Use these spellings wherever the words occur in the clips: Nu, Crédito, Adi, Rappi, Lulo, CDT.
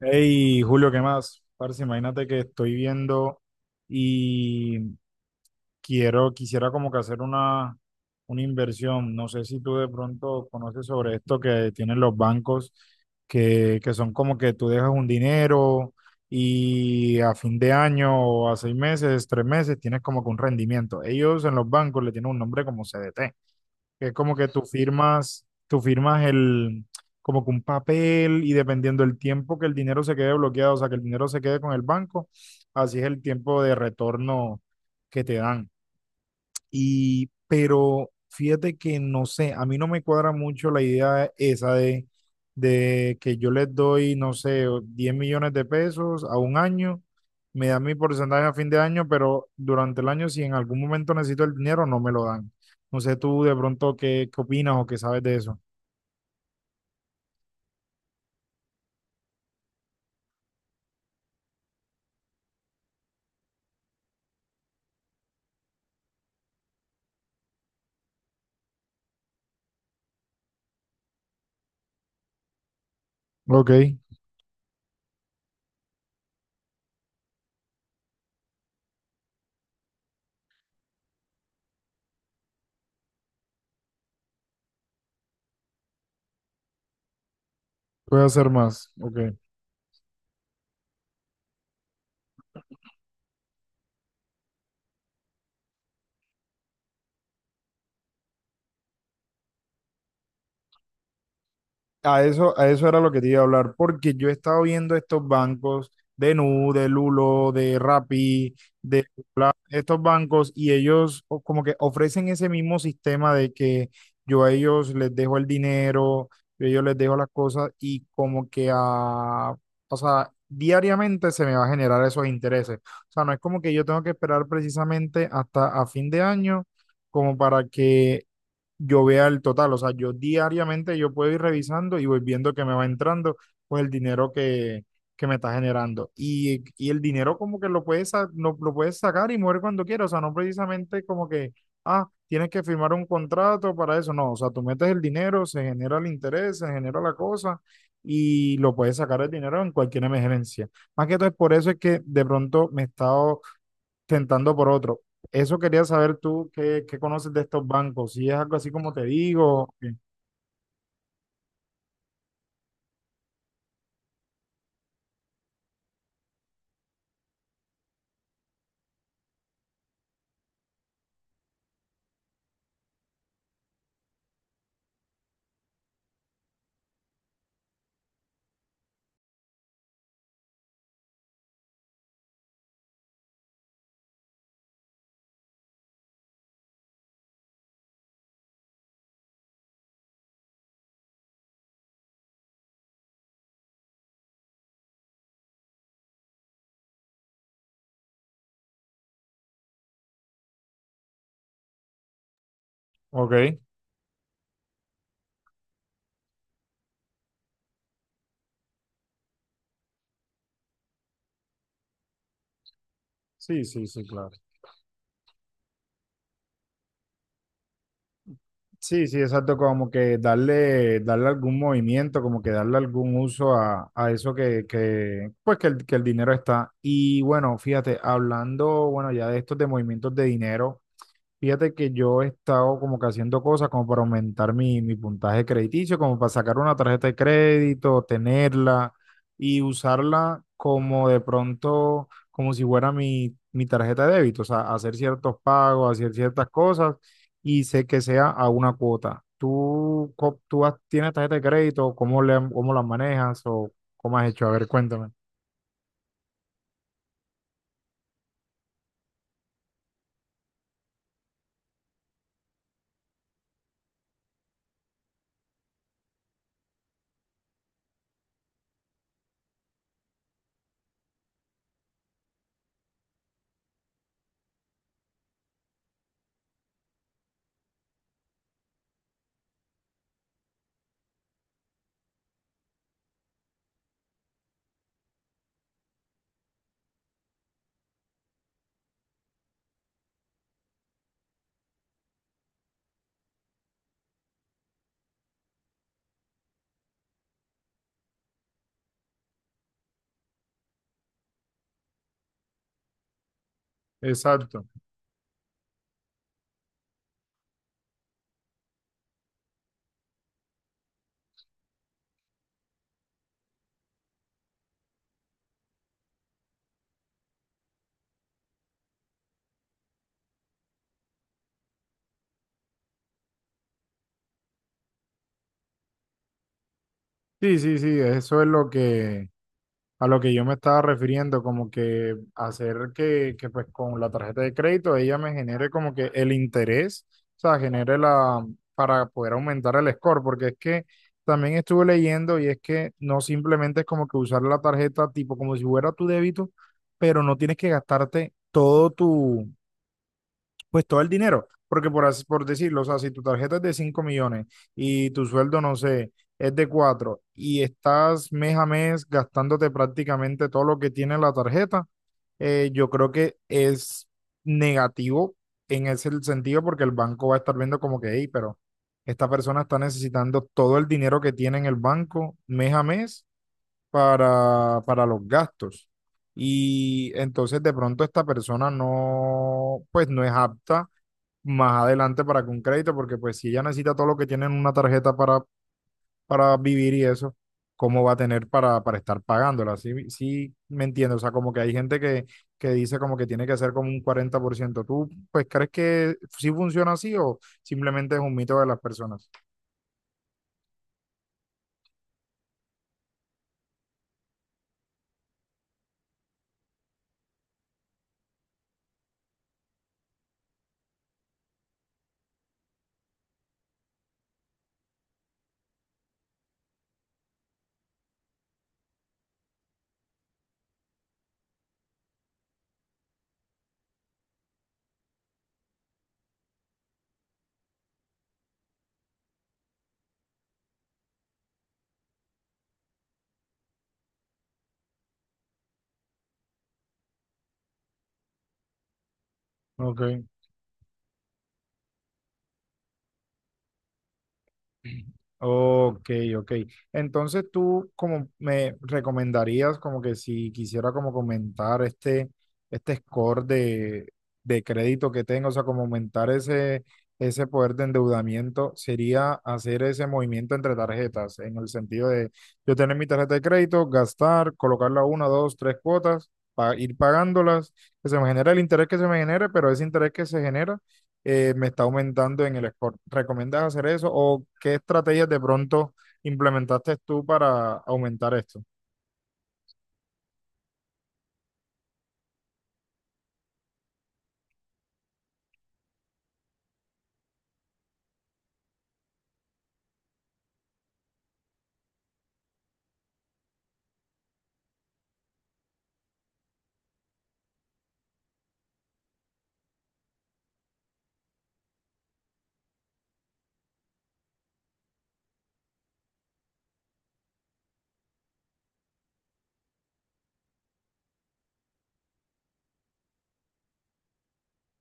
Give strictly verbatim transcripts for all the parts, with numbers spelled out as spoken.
Hey, Julio, ¿qué más? Parce, imagínate que estoy viendo y quiero, quisiera como que hacer una, una inversión. No sé si tú de pronto conoces sobre esto que tienen los bancos, que, que son como que tú dejas un dinero y a fin de año o a seis meses, tres meses, tienes como que un rendimiento. Ellos en los bancos le tienen un nombre como C D T que es como que tú firmas, tú firmas el, como que un papel y dependiendo del tiempo que el dinero se quede bloqueado, o sea, que el dinero se quede con el banco, así es el tiempo de retorno que te dan. Y, pero fíjate que no sé, a mí no me cuadra mucho la idea esa de, de que yo les doy, no sé, o diez millones de pesos a un año, me dan mi porcentaje a fin de año, pero durante el año, si en algún momento necesito el dinero, no me lo dan. No sé tú de pronto qué, qué opinas o qué sabes de eso. Ok, puedo hacer más. Ok. A eso, a eso era lo que te iba a hablar, porque yo he estado viendo estos bancos de Nu, de Lulo, de Rappi, de estos bancos y ellos o- como que ofrecen ese mismo sistema de que yo a ellos les dejo el dinero, yo a ellos les dejo las cosas y como que a, o sea, diariamente se me va a generar esos intereses. O sea, no es como que yo tengo que esperar precisamente hasta a fin de año como para que yo vea el total. O sea, yo diariamente yo puedo ir revisando y voy viendo que me va entrando, pues el dinero que, que me está generando. Y, y el dinero como que lo puedes, sa- lo, lo puedes sacar y mover cuando quieras. O sea, no precisamente como que, ah, tienes que firmar un contrato para eso. No, o sea, tú metes el dinero, se genera el interés, se genera la cosa. Y lo puedes sacar el dinero en cualquier emergencia. Más que todo es por eso es que de pronto me he estado tentando por otro. Eso quería saber tú, ¿qué, qué conoces de estos bancos? Si es algo así como te digo. ¿Qué? Ok, sí, sí, sí, claro. Sí, sí, exacto, como que darle, darle algún movimiento, como que darle algún uso a, a eso que, que, pues que el, que el dinero está. Y bueno, fíjate, hablando, bueno, ya de estos de movimientos de dinero. Fíjate que yo he estado como que haciendo cosas como para aumentar mi, mi puntaje crediticio, como para sacar una tarjeta de crédito, tenerla y usarla como de pronto, como si fuera mi, mi tarjeta de débito, o sea, hacer ciertos pagos, hacer ciertas cosas y sé que sea a una cuota. ¿Tú, co- tú has- tienes tarjeta de crédito? ¿Cómo le, cómo la manejas o cómo has hecho? A ver, cuéntame. Exacto. Sí, sí, sí, eso es lo que... A lo que yo me estaba refiriendo, como que hacer que, que pues con la tarjeta de crédito ella me genere como que el interés, o sea, genere la, para poder aumentar el score, porque es que también estuve leyendo y es que no simplemente es como que usar la tarjeta tipo como si fuera tu débito, pero no tienes que gastarte todo tu, pues todo el dinero, porque por, as- por decirlo, o sea, si tu tarjeta es de cinco millones y tu sueldo, no sé, es de cuatro y estás mes a mes gastándote prácticamente todo lo que tiene la tarjeta, eh, yo creo que es negativo en ese sentido porque el banco va a estar viendo como que, hey, pero esta persona está necesitando todo el dinero que tiene en el banco mes a mes para, para los gastos. Y entonces de pronto esta persona no, pues no es apta más adelante para que un crédito, porque pues si ella necesita todo lo que tiene en una tarjeta para, para vivir y eso, ¿cómo va a tener para, para estar pagándola? Sí, sí, me entiendo, o sea, como que hay gente que, que dice como que tiene que ser como un cuarenta por ciento. ¿Tú pues crees que sí funciona así o simplemente es un mito de las personas? Ok. Ok, ok. Entonces tú como me recomendarías como que si quisiera como comentar este, este score de, de crédito que tengo, o sea, como aumentar ese, ese poder de endeudamiento, sería hacer ese movimiento entre tarjetas, en el sentido de yo tener mi tarjeta de crédito, gastar, colocarla una, dos, tres cuotas, pa- ir pagándolas, que se me genere el interés que se me genere, pero ese interés que se genera eh, me está aumentando en el score. ¿Recomiendas hacer eso o qué estrategias de pronto implementaste tú para aumentar esto?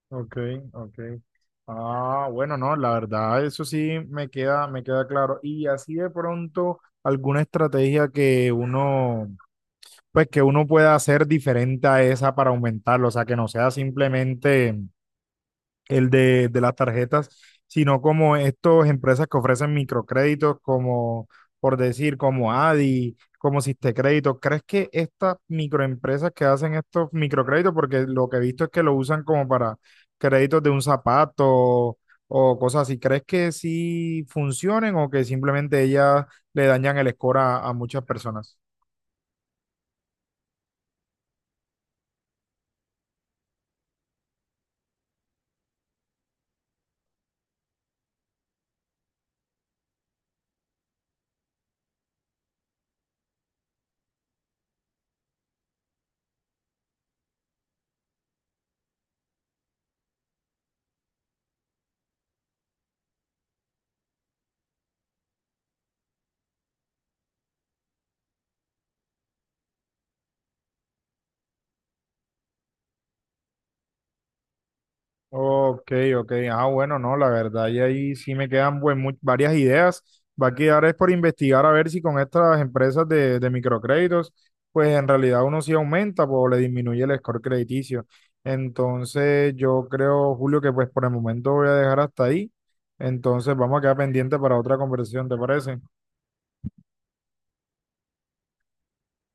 Ok, ok. Ah, bueno, no, la verdad, eso sí me queda, me queda claro. Y así de pronto, alguna estrategia que uno, pues que uno pueda hacer diferente a esa para aumentarlo, o sea, que no sea simplemente el de, de las tarjetas, sino como estas empresas que ofrecen microcréditos, como por decir, como Adi, como Crédito. ¿Crees que estas microempresas que hacen estos microcréditos, porque lo que he visto es que lo usan como para créditos de un zapato o cosas así, ¿crees que sí funcionen o que simplemente ellas le dañan el score a a muchas personas? Ok, ok. Ah, bueno, no, la verdad, y ahí sí me quedan buen- mu- varias ideas. Va a quedar es por investigar a ver si con estas empresas de, de microcréditos, pues en realidad uno sí aumenta pues, o le disminuye el score crediticio. Entonces, yo creo, Julio, que pues por el momento voy a dejar hasta ahí. Entonces, vamos a quedar pendiente para otra conversación, ¿te parece?